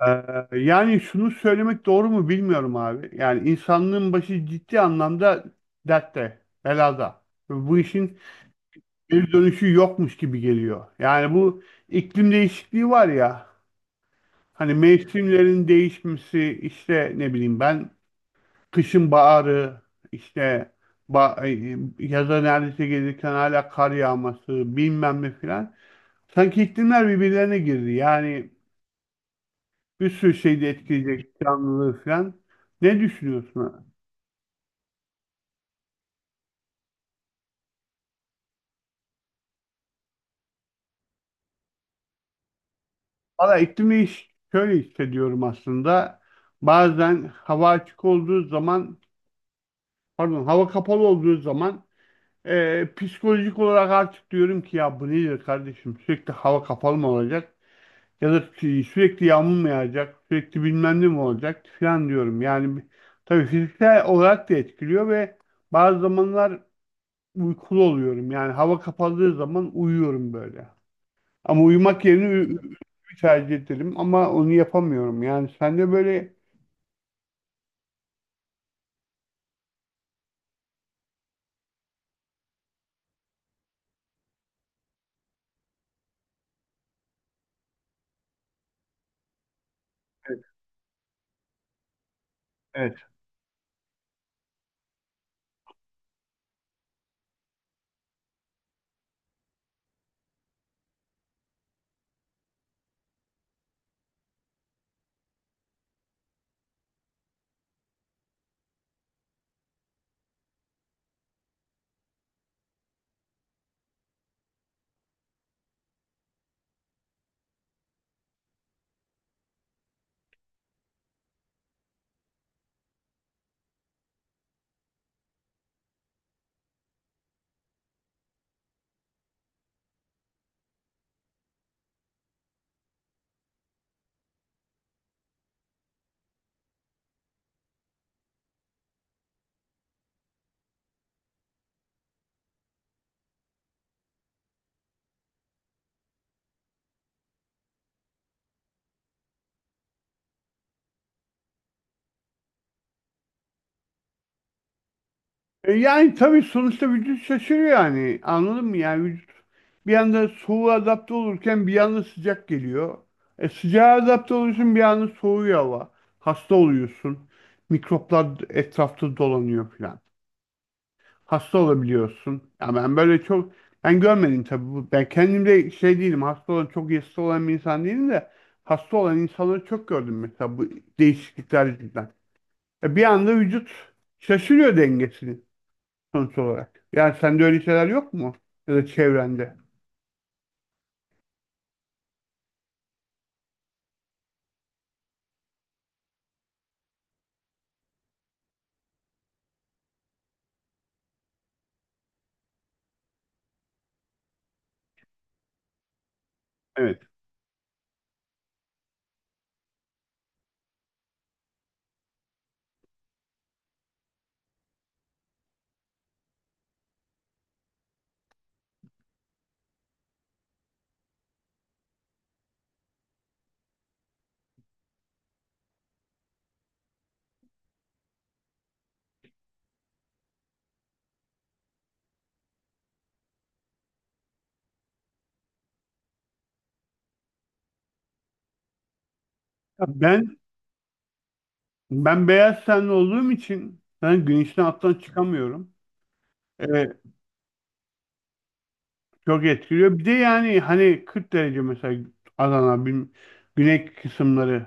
Ee, Yani şunu söylemek doğru mu bilmiyorum abi. Yani insanlığın başı ciddi anlamda dertte, belada. Ve bu işin bir dönüşü yokmuş gibi geliyor. Yani bu iklim değişikliği var ya, hani mevsimlerin değişmesi, işte ne bileyim ben kışın baharı, işte yaza neredeyse gelirken hala kar yağması, bilmem ne filan. Sanki iklimler birbirlerine girdi. Yani bir sürü şeyi de etkileyecek canlılığı falan. Ne düşünüyorsun? Valla iklim değiş şöyle hissediyorum aslında. Bazen hava açık olduğu zaman pardon hava kapalı olduğu zaman psikolojik olarak artık diyorum ki ya bu nedir kardeşim sürekli hava kapalı mı olacak ya da sürekli yağmur mu yağacak sürekli bilmem ne mi olacak falan diyorum. Yani tabii fiziksel olarak da etkiliyor ve bazı zamanlar uykulu oluyorum. Yani hava kapalı zaman uyuyorum böyle. Ama uyumak yerine tercih ederim ama onu yapamıyorum. Yani sen de böyle evet. Yani tabii sonuçta vücut şaşırıyor yani. Anladın mı? Yani vücut bir anda soğuğa adapte olurken bir anda sıcak geliyor. Sıcağa adapte oluyorsun bir anda soğuyor hava. Hasta oluyorsun. Mikroplar etrafta dolanıyor falan. Hasta olabiliyorsun. Ya ben böyle çok ben görmedim tabii bu. Ben kendimde şey değilim. Hasta olan çok iyi hasta olan bir insan değilim de hasta olan insanları çok gördüm mesela bu değişiklikler yüzünden. E bir anda vücut şaşırıyor dengesini sonuç olarak. Yani sende öyle şeyler yok mu? Ya da çevrende. Evet. Ya ben ben beyaz tenli olduğum için ben güneşten alttan çıkamıyorum. Ee, Çok etkiliyor. Bir de yani hani 40 derece mesela Adana, güney kısımları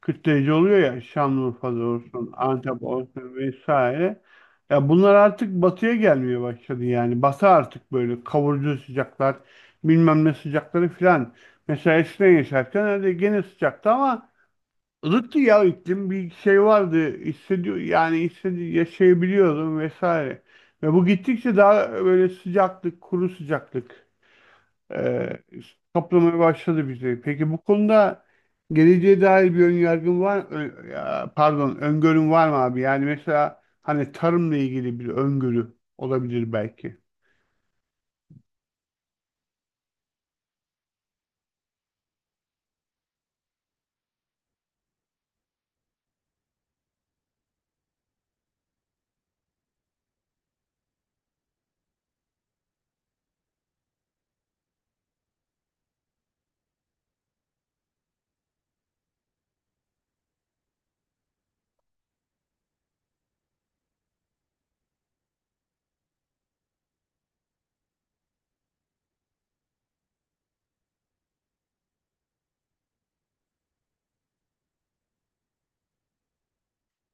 40 derece oluyor ya Şanlıurfa'da olsun, Antep olsun vesaire. Ya bunlar artık batıya gelmeye başladı yani. Batı artık böyle kavurucu sıcaklar, bilmem ne sıcakları filan. Mesela eskiden yaşarken öyle gene sıcaktı ama ılıktı ya iklim bir şey vardı hissediyor yani hissedi yaşayabiliyordum vesaire. Ve bu gittikçe daha böyle sıcaklık, kuru sıcaklık e, kaplamaya başladı bizi. Peki bu konuda geleceğe dair bir ön yargın var, pardon, öngörün var mı abi? Yani mesela hani tarımla ilgili bir öngörü olabilir belki.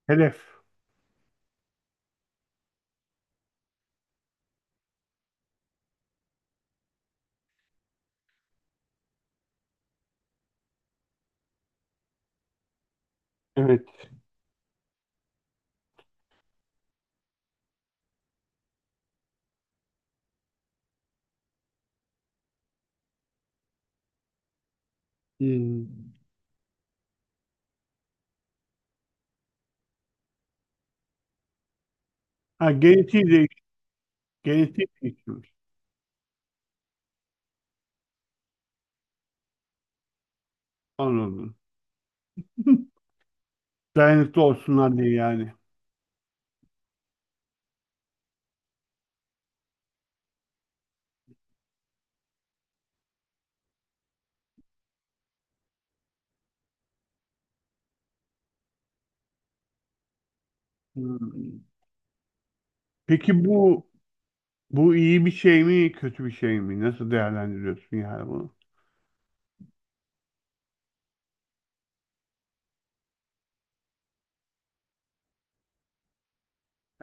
Hedef. Evet. Hmm. Ha, genetiği değiştirmiş. Anladım. Dayanıklı olsunlar diye yani. Hmm. Peki bu iyi bir şey mi, kötü bir şey mi? Nasıl değerlendiriyorsun yani bunu?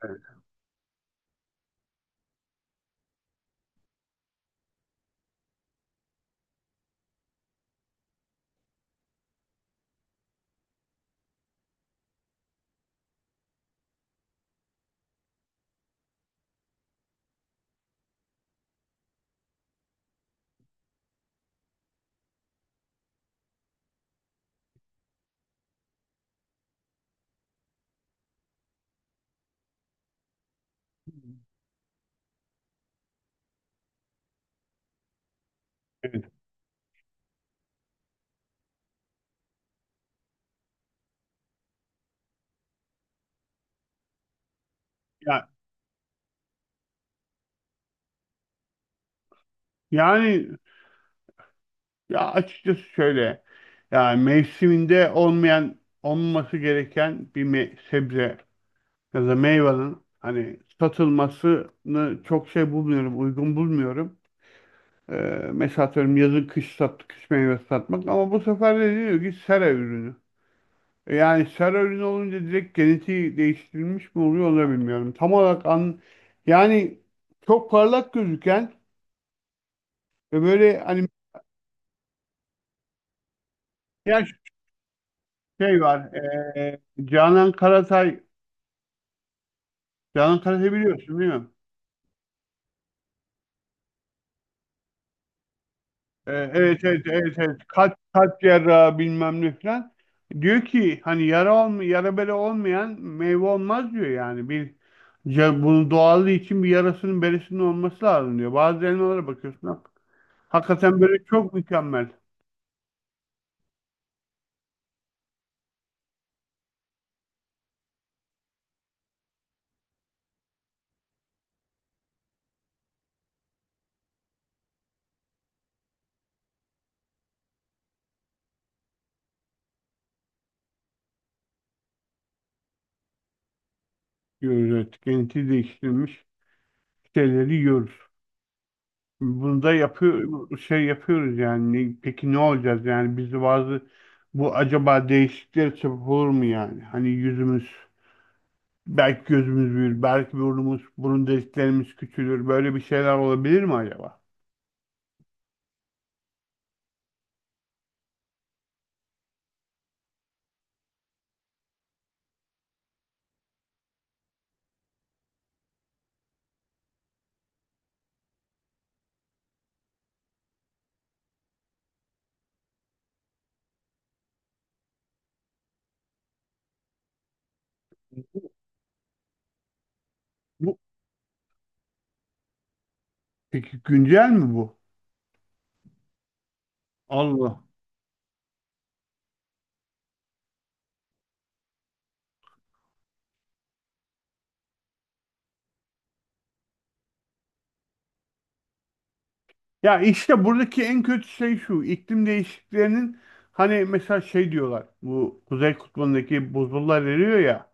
Evet. Evet. Ya, yani ya açıkçası şöyle. Yani mevsiminde olmayan, olmaması gereken bir sebze ya da meyvanın hani satılmasını çok şey bulmuyorum, uygun bulmuyorum. Ee, Mesela atıyorum yazın kış meyvesi satmak ama bu sefer de diyor ki sera ürünü. E yani sera ürünü olunca direkt genetiği değiştirilmiş mi oluyor onu da bilmiyorum. Tam olarak an, yani çok parlak gözüken ve böyle hani yaş şey var. Canan Karatay Canan Karatay biliyorsun değil mi? Evet, evet, evet, evet. Kalp, kalp cerrahı bilmem ne falan. Diyor ki hani yara olma, yara bere olmayan meyve olmaz diyor yani. Bir ya bunun doğallığı için bir yarasının beresinin olması lazım diyor. Bazı elmalara bakıyorsun. Hakikaten böyle çok mükemmel diyoruz evet. Genetiği değiştirilmiş şeyleri yiyoruz. Bunu da yapıyor, şey yapıyoruz yani. Peki ne olacağız yani? Biz de bazı bu acaba değişikliklere sebep olur mu yani? Hani yüzümüz belki gözümüz büyür, belki burnumuz, burun deliklerimiz küçülür. Böyle bir şeyler olabilir mi acaba? Bu, peki güncel mi bu? Allah. Ya işte buradaki en kötü şey şu. İklim değişikliklerinin hani mesela şey diyorlar. Bu Kuzey Kutbu'ndaki buzullar eriyor ya.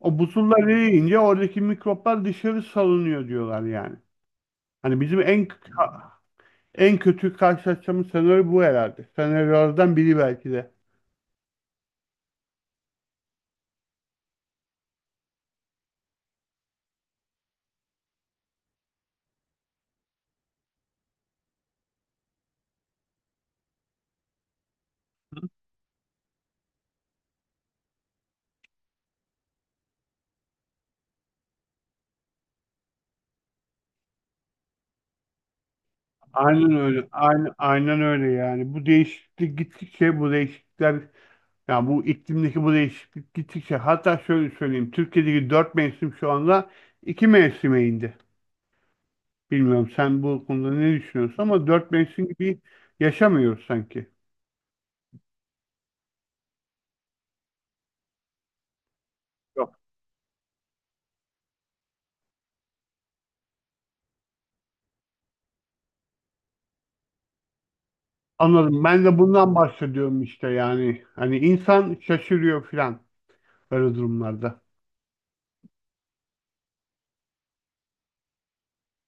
O buzullar eriyince oradaki mikroplar dışarı salınıyor diyorlar yani. Hani bizim en en kötü karşılaşacağımız senaryo bu herhalde. Senaryolardan biri belki de. Aynen öyle. Aynen, aynen öyle yani. Bu değişiklikler yani bu iklimdeki bu değişiklik gittikçe hatta şöyle söyleyeyim. Türkiye'deki dört mevsim şu anda iki mevsime indi. Bilmiyorum sen bu konuda ne düşünüyorsun ama dört mevsim gibi yaşamıyoruz sanki. Yok. Anladım. Ben de bundan bahsediyorum işte yani. Hani insan şaşırıyor filan böyle durumlarda.